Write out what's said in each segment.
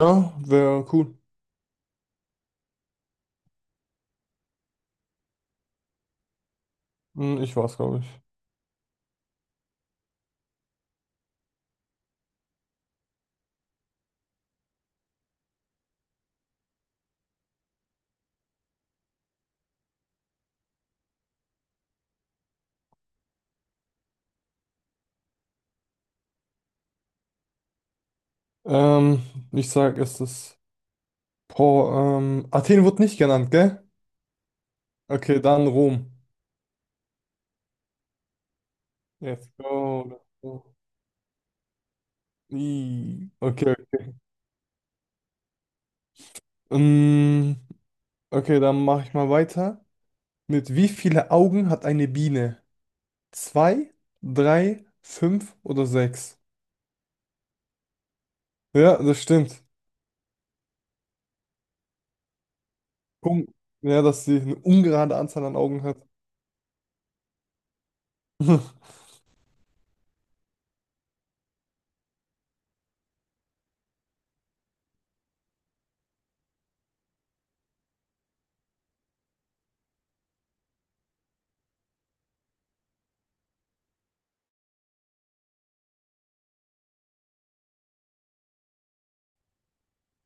Ja, wäre cool. Hm, ich war's, glaube ich. Ähm, Ich sag, es ist. Boah, Athen wird nicht genannt, gell? Okay, dann Rom. Let's go. Let's go. Okay. Ähm, okay, dann mache ich mal weiter. Mit wie viele Augen hat eine Biene? Zwei, drei, fünf oder sechs? Ja, das stimmt. Um, ja, dass sie eine ungerade Anzahl an Augen hat.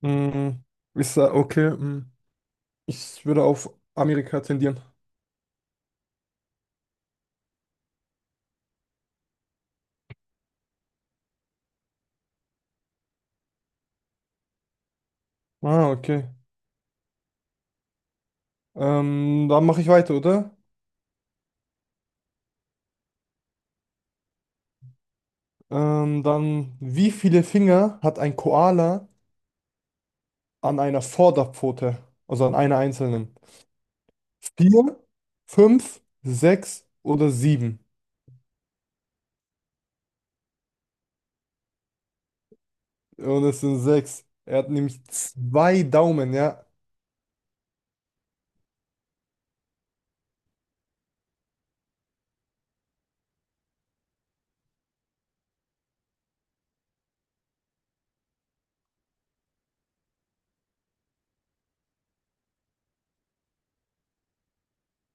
Hm, ich sag, okay, hm, ich würde auf Amerika tendieren. Ah, okay. Dann mache ich weiter, oder? Dann, wie viele Finger hat ein Koala an einer Vorderpfote? Also an einer einzelnen? Vier, fünf, sechs oder sieben? Und es sind sechs. Er hat nämlich zwei Daumen, ja.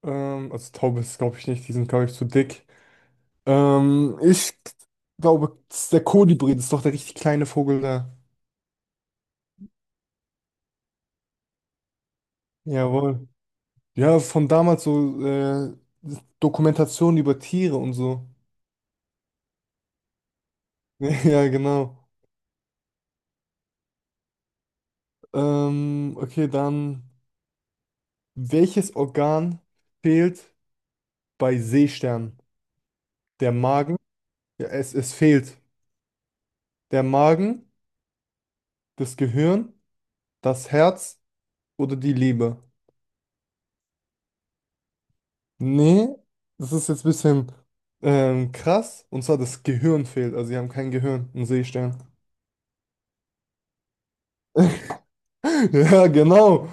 Also Taube ist, glaube ich, nicht. Die sind, glaube ich, zu dick. Ich glaube, der Kolibri, das ist doch der richtig kleine Vogel da. Jawohl. Ja, von damals so Dokumentationen über Tiere und so. Ja, genau. Okay, dann welches Organ fehlt bei Seesternen? Der Magen? Ja, es fehlt. Der Magen, das Gehirn, das Herz oder die Leber? Nee, das ist jetzt ein bisschen krass. Und zwar das Gehirn fehlt. Also sie haben kein Gehirn, ein Seestern. Ja, genau.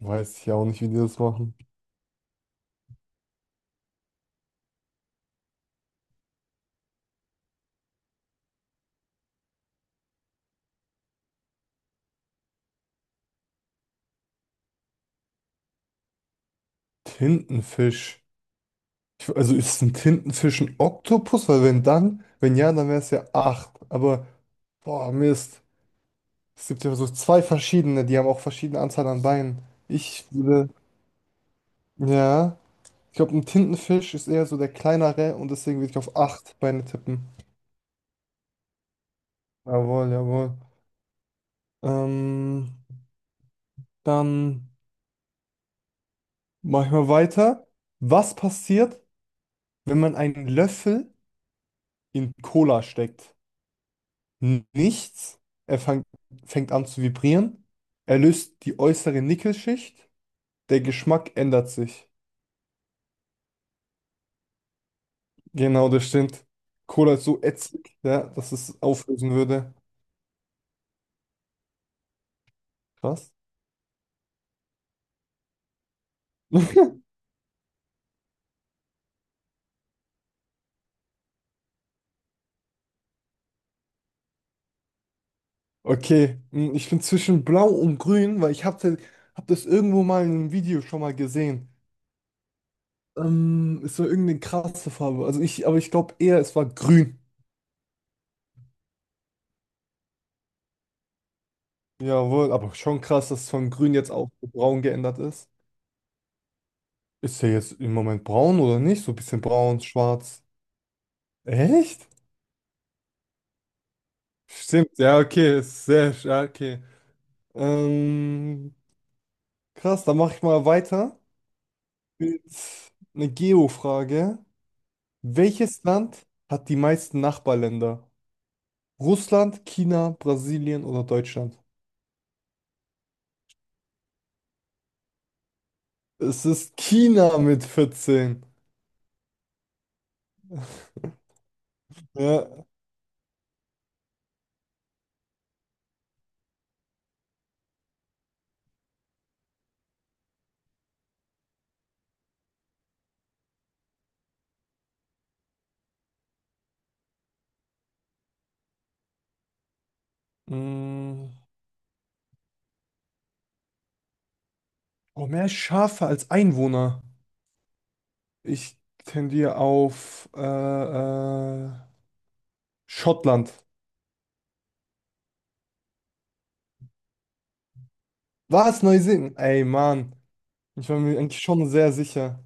Weiß ich auch nicht, wie die das machen. Tintenfisch. Ich, also ist es ein Tintenfisch ein Oktopus? Weil wenn dann, wenn ja, dann wäre es ja acht. Aber, boah, Mist. Es gibt ja so zwei verschiedene, die haben auch verschiedene Anzahl an Beinen. Ich würde, ja, ich glaube, ein Tintenfisch ist eher so der kleinere und deswegen würde ich auf acht Beine tippen. Jawohl, jawohl. Ähm, dann mache ich mal weiter. Was passiert, wenn man einen Löffel in Cola steckt? Nichts. Er fang, fängt an zu vibrieren. Er löst die äußere Nickelschicht. Der Geschmack ändert sich. Genau, das stimmt. Cola ist so ätzend, ja, dass es auflösen würde. Krass. Okay, hm, ich bin zwischen Blau und Grün, weil ich habe hab das irgendwo mal in einem Video schon mal gesehen. Es war irgendeine krasse Farbe. Also ich, aber ich glaube eher, es war Grün. Jawohl, aber schon krass, dass es von Grün jetzt auch zu Braun geändert ist. Ist er jetzt im Moment braun oder nicht? So ein bisschen braun, schwarz. Echt? Stimmt, ja, okay. Ist sehr, ja, okay. Ähm, krass, dann mache ich mal weiter mit einer Geo-Frage. Welches Land hat die meisten Nachbarländer? Russland, China, Brasilien oder Deutschland? Es ist China mit vierzehn. Ja. Mm. Oh, mehr Schafe als Einwohner. Ich tendiere auf äh, Schottland. Was? Neuseen? Ey, Mann. Ich war mir eigentlich schon sehr sicher.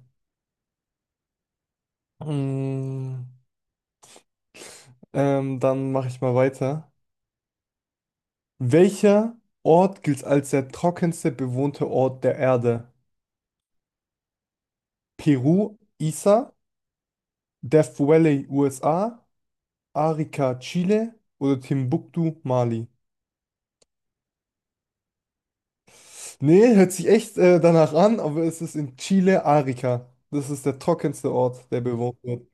Mm, dann mache ich mal weiter. Welcher Ort gilt als der trockenste bewohnte Ort der Erde? Peru, Isa, Death Valley, USA, Arica, Chile oder Timbuktu, Mali? Nee, hört sich echt danach an, aber es ist in Chile, Arica. Das ist der trockenste Ort, der bewohnt wird.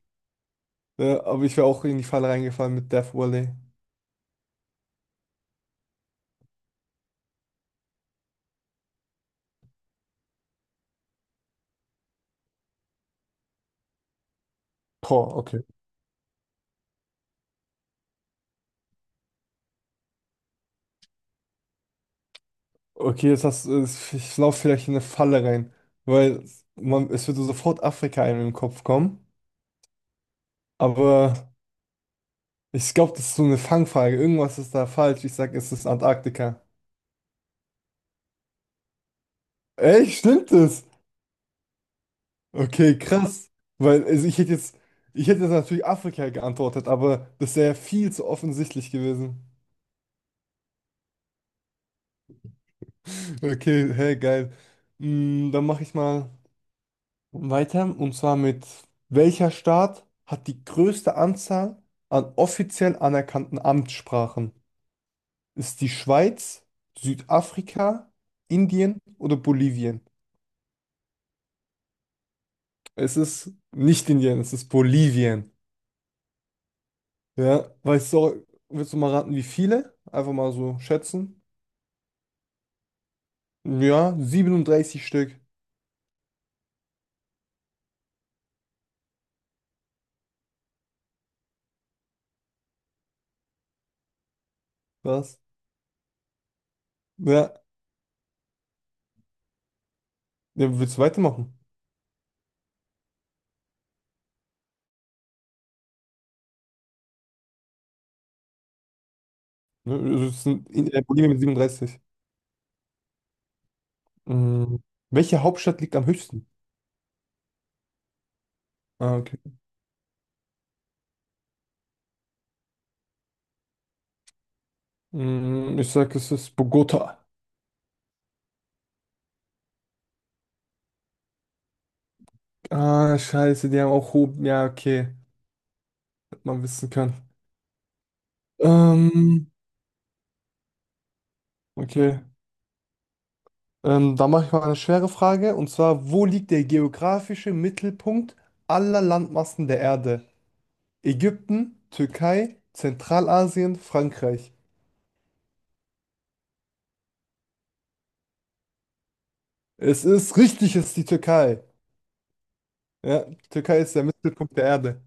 Aber ich wäre auch in die Falle reingefallen mit Death Valley. Boah, okay. Okay, jetzt hast, ich laufe vielleicht in eine Falle rein, weil man, es würde sofort Afrika einem im Kopf kommen. Aber ich glaube, das ist so eine Fangfrage. Irgendwas ist da falsch. Ich sag, es ist Antarktika. Echt? Stimmt es? Okay, krass. Weil also ich hätte jetzt natürlich Afrika geantwortet, aber das wäre viel zu offensichtlich gewesen. Okay, hey, geil. Mm, dann mache ich mal weiter, und zwar mit: welcher Staat hat die größte Anzahl an offiziell anerkannten Amtssprachen? Ist die Schweiz, Südafrika, Indien oder Bolivien? Es ist nicht Indien, es ist Bolivien. Ja, weißt du, willst du mal raten, wie viele? Einfach mal so schätzen. Ja, 37 Stück. Was? Ja, ja, willst du weitermachen? Ne, also es sind in Bolivien mit 37. Mhm. Welche Hauptstadt liegt am höchsten? Ah, okay. Mm, ich sag, es ist Bogota. Ah, scheiße, die haben auch Hub. Ja, okay. Hätte man wissen können. Ähm, okay. Dann mache ich mal eine schwere Frage. Und zwar, wo liegt der geografische Mittelpunkt aller Landmassen der Erde? Ägypten, Türkei, Zentralasien, Frankreich. Es ist richtig, es ist die Türkei. Ja, die Türkei ist der Mittelpunkt der Erde.